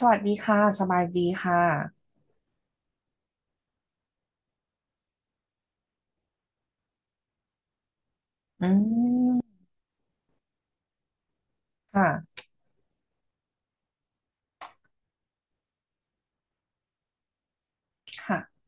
สวัสดีค่ะสบายดีค่ะ อืมค่ะค่ะ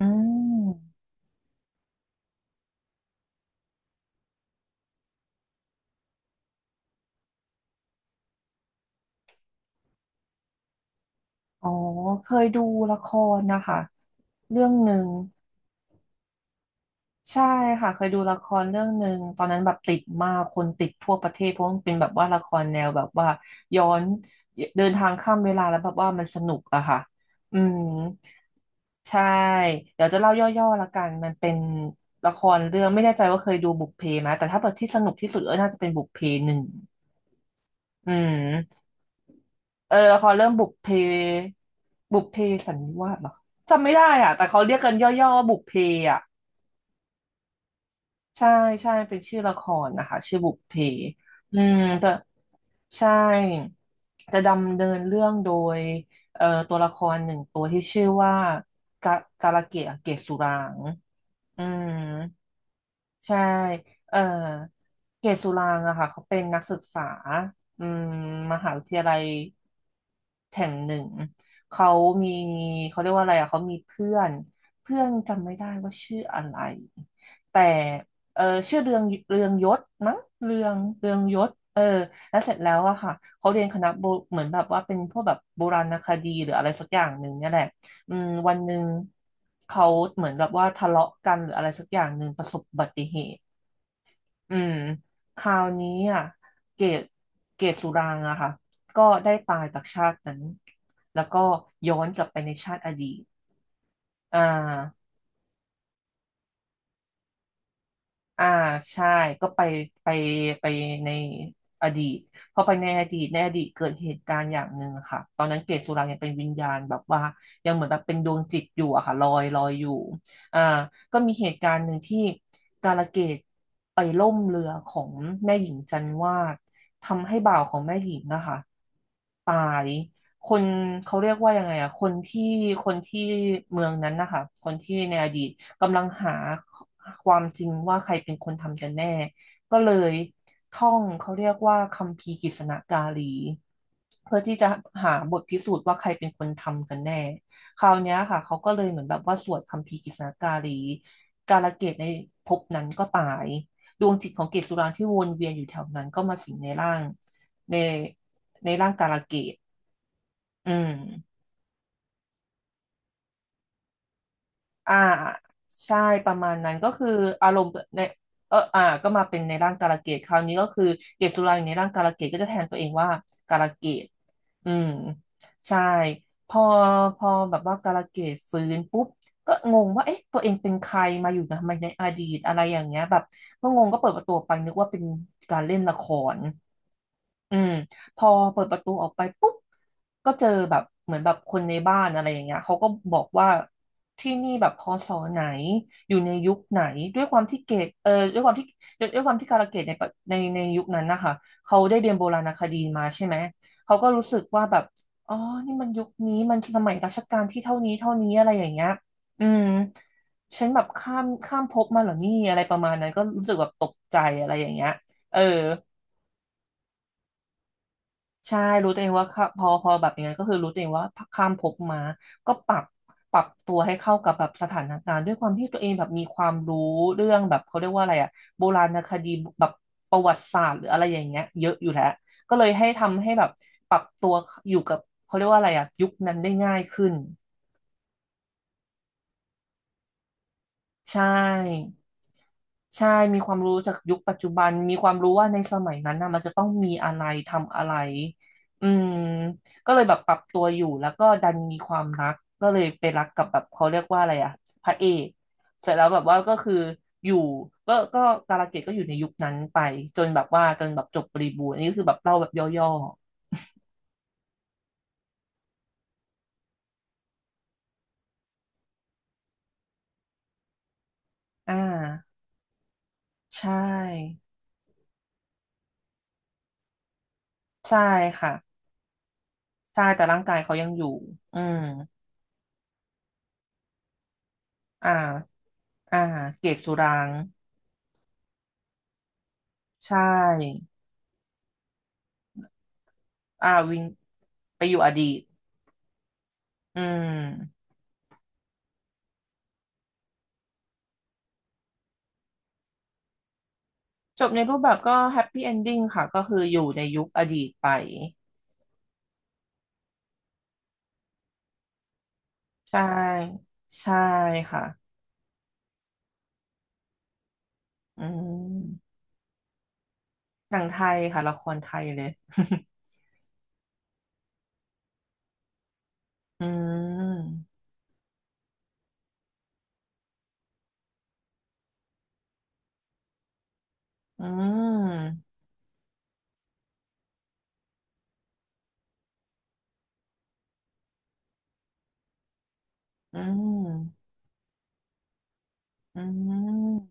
อืมอ๋อ เคยดูละครนะคะ เรื่องหนึ่งใช่ค่ะ เคยดูละครเรื่องหนึ่งตอนนั้นแบบติดมากคนติดทั่วประเทศเพราะมันเป็นแบบว่าละครแนวแบบว่าย้อนเดินทางข้ามเวลาแล้วแบบว่ามันสนุกอะค่ะอืมใช่เดี๋ยวจะเล่าย่อๆละกันมันเป็นละครเรื่องไม่แน่ใจว่าเคยดูบุพเพไหมแต่ถ้าเบบดที่สนุกที่สุดก็น่าจะเป็นบุพเพหนึ่งอืม เออละครเรื่องบุพเพสันนิวาสเหรอจำไม่ได้อ่ะแต่เขาเรียกกันย่อๆว่าบุพเพอ่ะใช่ใช่เป็นชื่อละครนะคะชื่อบุพเพอืมแต่ใช่จะดำเนินเรื่องโดยตัวละครหนึ่งตัวที่ชื่อว่ากากาลเกะเกศสุรางค์อืม ใช่เอ่อเกศสุรางค์อะค่ะเขาเป็นนักศึกษาอืมมหาวิทยาลัยแห่งหนึ่งเขามีเขาเรียกว่าอะไรอะเขามีเพื่อน เพื่อนจำไม่ได้ว่าชื่ออะไร แต่เออชื่อเรืองยศมั้งเรืองยศเออแล้วเสร็จแล้วอะค่ะเขาเรียนคณะโบเหมือนแบบว่าเป็นพวกแบบโบราณคดีหรืออะไรสักอย่างหนึ่งเนี่ยแหละ อืมวันหนึ่งเขาเหมือนแบบว่าทะเลาะกันหรืออะไรสักอย่างหนึ่งประสบอุบัติเหตุอืมคราวนี้อ่ะเกตเกตสุรางค์อะค่ะก็ได้ตายจากชาตินั้นแล้วก็ย้อนกลับไปในชาติอดีตอ่า อ่าใช่ก็ไปไปในอดีตพอไปในอดีตในอดีตเกิดเหตุการณ์อย่างหนึ่งอะค่ะตอนนั้นเกศสุรังยังเป็นวิญญาณแบบว่ายังเหมือนแบบเป็นดวงจิตอยู่อะค่ะลอยลอยอยู่อ่าก็มีเหตุการณ์หนึ่งที่กาลเกตไปล่มเรือของแม่หญิงจันวาดทำให้บ่าวของแม่หญิงนะคะตาย คนเขาเรียกว่ายังไงอะคนที่คนที่เมืองนั้นนะคะคนที่ในอดีตกำลังหาความจริงว่าใครเป็นคนทำกันแน่ก็เลยท่องเขาเรียกว่าคัมภีร์กฤษณกาลีเพื่อที่จะหาบทพิสูจน์ว่าใครเป็นคนทำกันแน่คราวเนี้ยค่ะเขาก็เลยเหมือนแบบว่าสวดคัมภีร์กฤษณกาลีกาลเกตในภพนั้นก็ตายดวงจิตของเกศสุรางค์ที่วนเวียนอยู่แถวนั้นก็มาสิงในร่างในในร่างกาลเกต อืมอ่าใช่ประมาณนั้นก็คืออารมณ์ในเอออ่าก็มาเป็นในร่างกาลเกตคราวนี้ก็คือ เกตสุราอยู่ในร่างกาลเกตก็จะแทนตัวเองว่ากาลเกตอืมใช่ พอพอแบบว่ากาลเกตฟื้นปุ๊บก็งงว่าเอ๊ะตัวเองเป็นใครมาอยู่ทำไมในอดีตอะไรอย่างเงี้ยแบบก็งงก็เปิดประตูออกไปนึกว่าเป็นการเล่นละคร อืมพอเปิดประตูออกไปปุ๊บก็เจอแบบเหมือนแบบคนในบ้านอะไรอย่างเงี้ยเขาก็บอกว่าที่นี่แบบพศไหนอยู่ในยุคไหนด้วยความที่เกตเออด้วยความที่ด้วยความที่กาลเกตในยุคนั้นนะคะเขาได้เรียนโบราณคดีมาใช่ไหมเขาก็รู้สึกว่าแบบอ๋อนี่มันยุคนี้มันสมัยรัชกาลที่เท่านี้เท่านี้อะไรอย่างเงี้ยอืมฉันแบบข้ามข้ามภพมาเหรอนี่อะไรประมาณนั้นก็รู้สึกแบบตกใจอะไรอย่างเงี้ยเออ ใช่รู้ตัวเองว่าค่ะพอแบบอย่างนั้นก็คือรู้ตัวเองว่าข้ามภพมาก็ปรับตัวให้เข้ากับแบบสถานการณ์ด้วยความที่ตัวเองแบบมีความรู้เรื่องแบบเขาเรียกว่าอะไรอะโบราณคดีแบบประวัติศาสตร์หรืออะไรอย่างเงี้ยเยอะอยู่แล้วก็เลยให้ทำให้แบบปรับตัวอยู่กับเขาเรียกว่าอะไรอะยุคนั้นได้ง่ายขึ้น ใช่ ใช่มีความรู้จากยุคปัจจุบันมีความรู้ว่าในสมัยนั้นนะมันจะต้องมีอะไรทำอะไรอืมก็เลยแบบปรับตัวอยู่ แล้วก็ดันมีความรักก็เลยไปรักกับแบบเขาเรียกว่าอะไรอะพระเอกเสร็จแล้วแบบว่าก็คืออยู่ก็การะเกดก็อยู่ในยุคนั้นไปจนแบบว่าจนแบบจบบริบูรณ์อันนี้คือแบบเล่าแบบย่อๆอ่าใช่ใช่ค่ะใช่ แต่ร่างกายเขายังอยู่อืมอ่าอ่าเกศสุราง ใช่อ่าวินไปอยู่อดีตอืมจบในรูปแบบก็แฮปปี้เอนดิ้งค่ะก็คืออยู่ในยุคอดีตไปใช่ใช่ค่ะอืมหนังไทยค่ะละครไทยเลย อืมอืมอืมอืม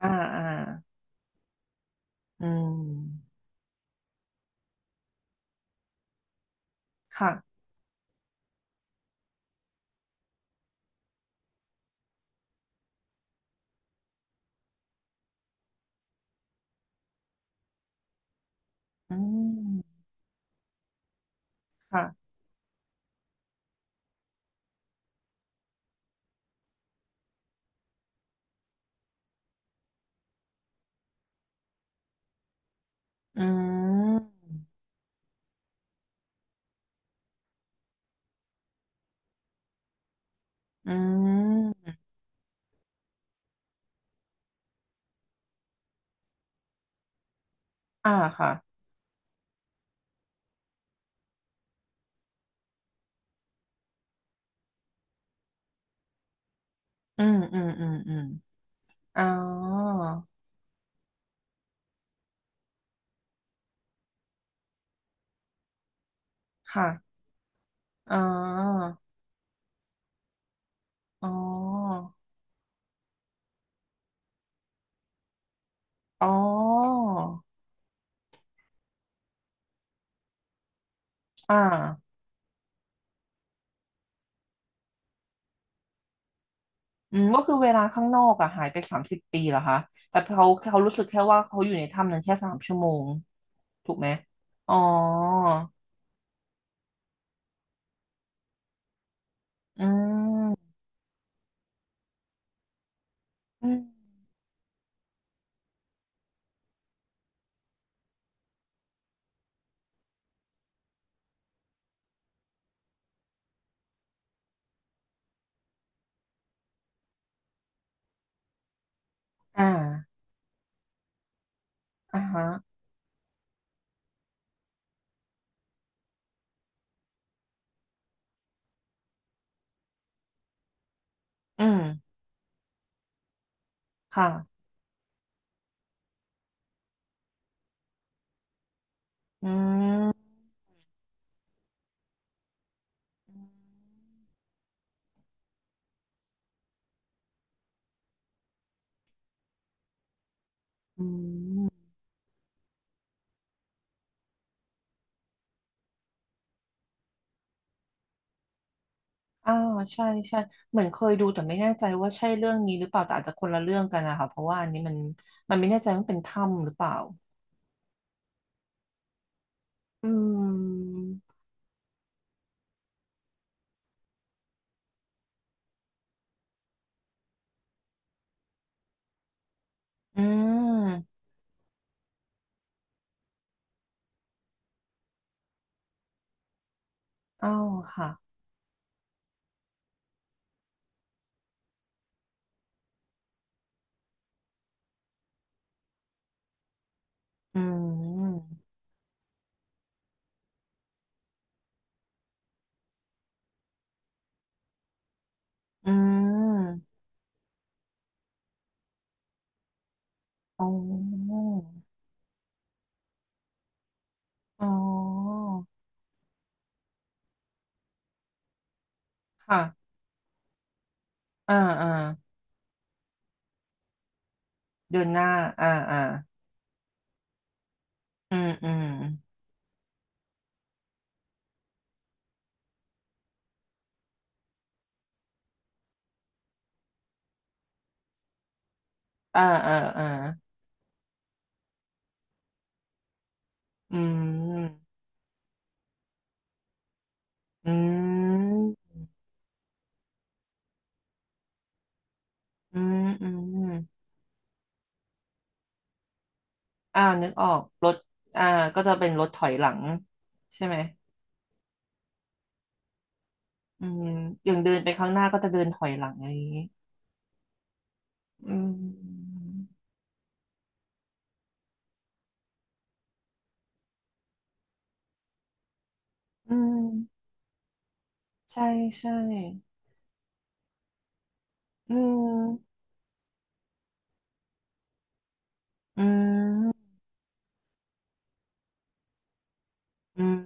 อ่าอ่าอืมค่ะอืมค่ะอืมอืมอ่าค่ะอืมอืมอืมอืมอ๋อ ค่ะอ๋ออ๋ออ๋ออ่าอืมก็คือเวลาข้างนอกอะหายไป30 ปีเหรอคะแต่เขารู้สึกแค่ว่าเขาอยู่ในถ้ำนั้นแค่3 ชั่วโมงถูกไหมอ๋ออืมอืมอ่าอ่าฮะอืมค่ะอืมอ่าใช่ใช่เหมือนเคยดูแต่ไม่แน่ใจว่าใช่เรื่องนี้หรือเปล่าแต่อาจจะคนละเรื่องกันนะคะเพราะว่าอันนี้มันไม่แน่ใจว่าเป็นถ้ำหรือเปล่า อืมอืมอ้าวค่ะอืมอืมอ๋ออ๋อค่ะอ่าอ่าเดือนหน้าอ่าอ่าอืมอืมอ่าอ่าอ่าอืมอืมอืมอืมอ่านึกออกรถอ่าก็จะเป็นรถถอยหลังใช่ไหมอืมอย่างเดินไปข้างหน้าก็จะเดินถอยหลังอะไรอย่างนี้อืมอืมใช่ใช่ อืม อืม อืม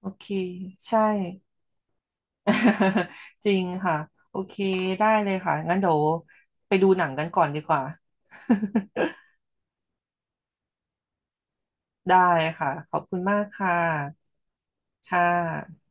โอเค ใช่ จริงค่ะ โอเค ได้เลยค่ะ งั้นเดี๋ยวไปดูหนังกันก่อนดีกว่า ได้ค่ะ ขอบคุณมากค่ะค่ะ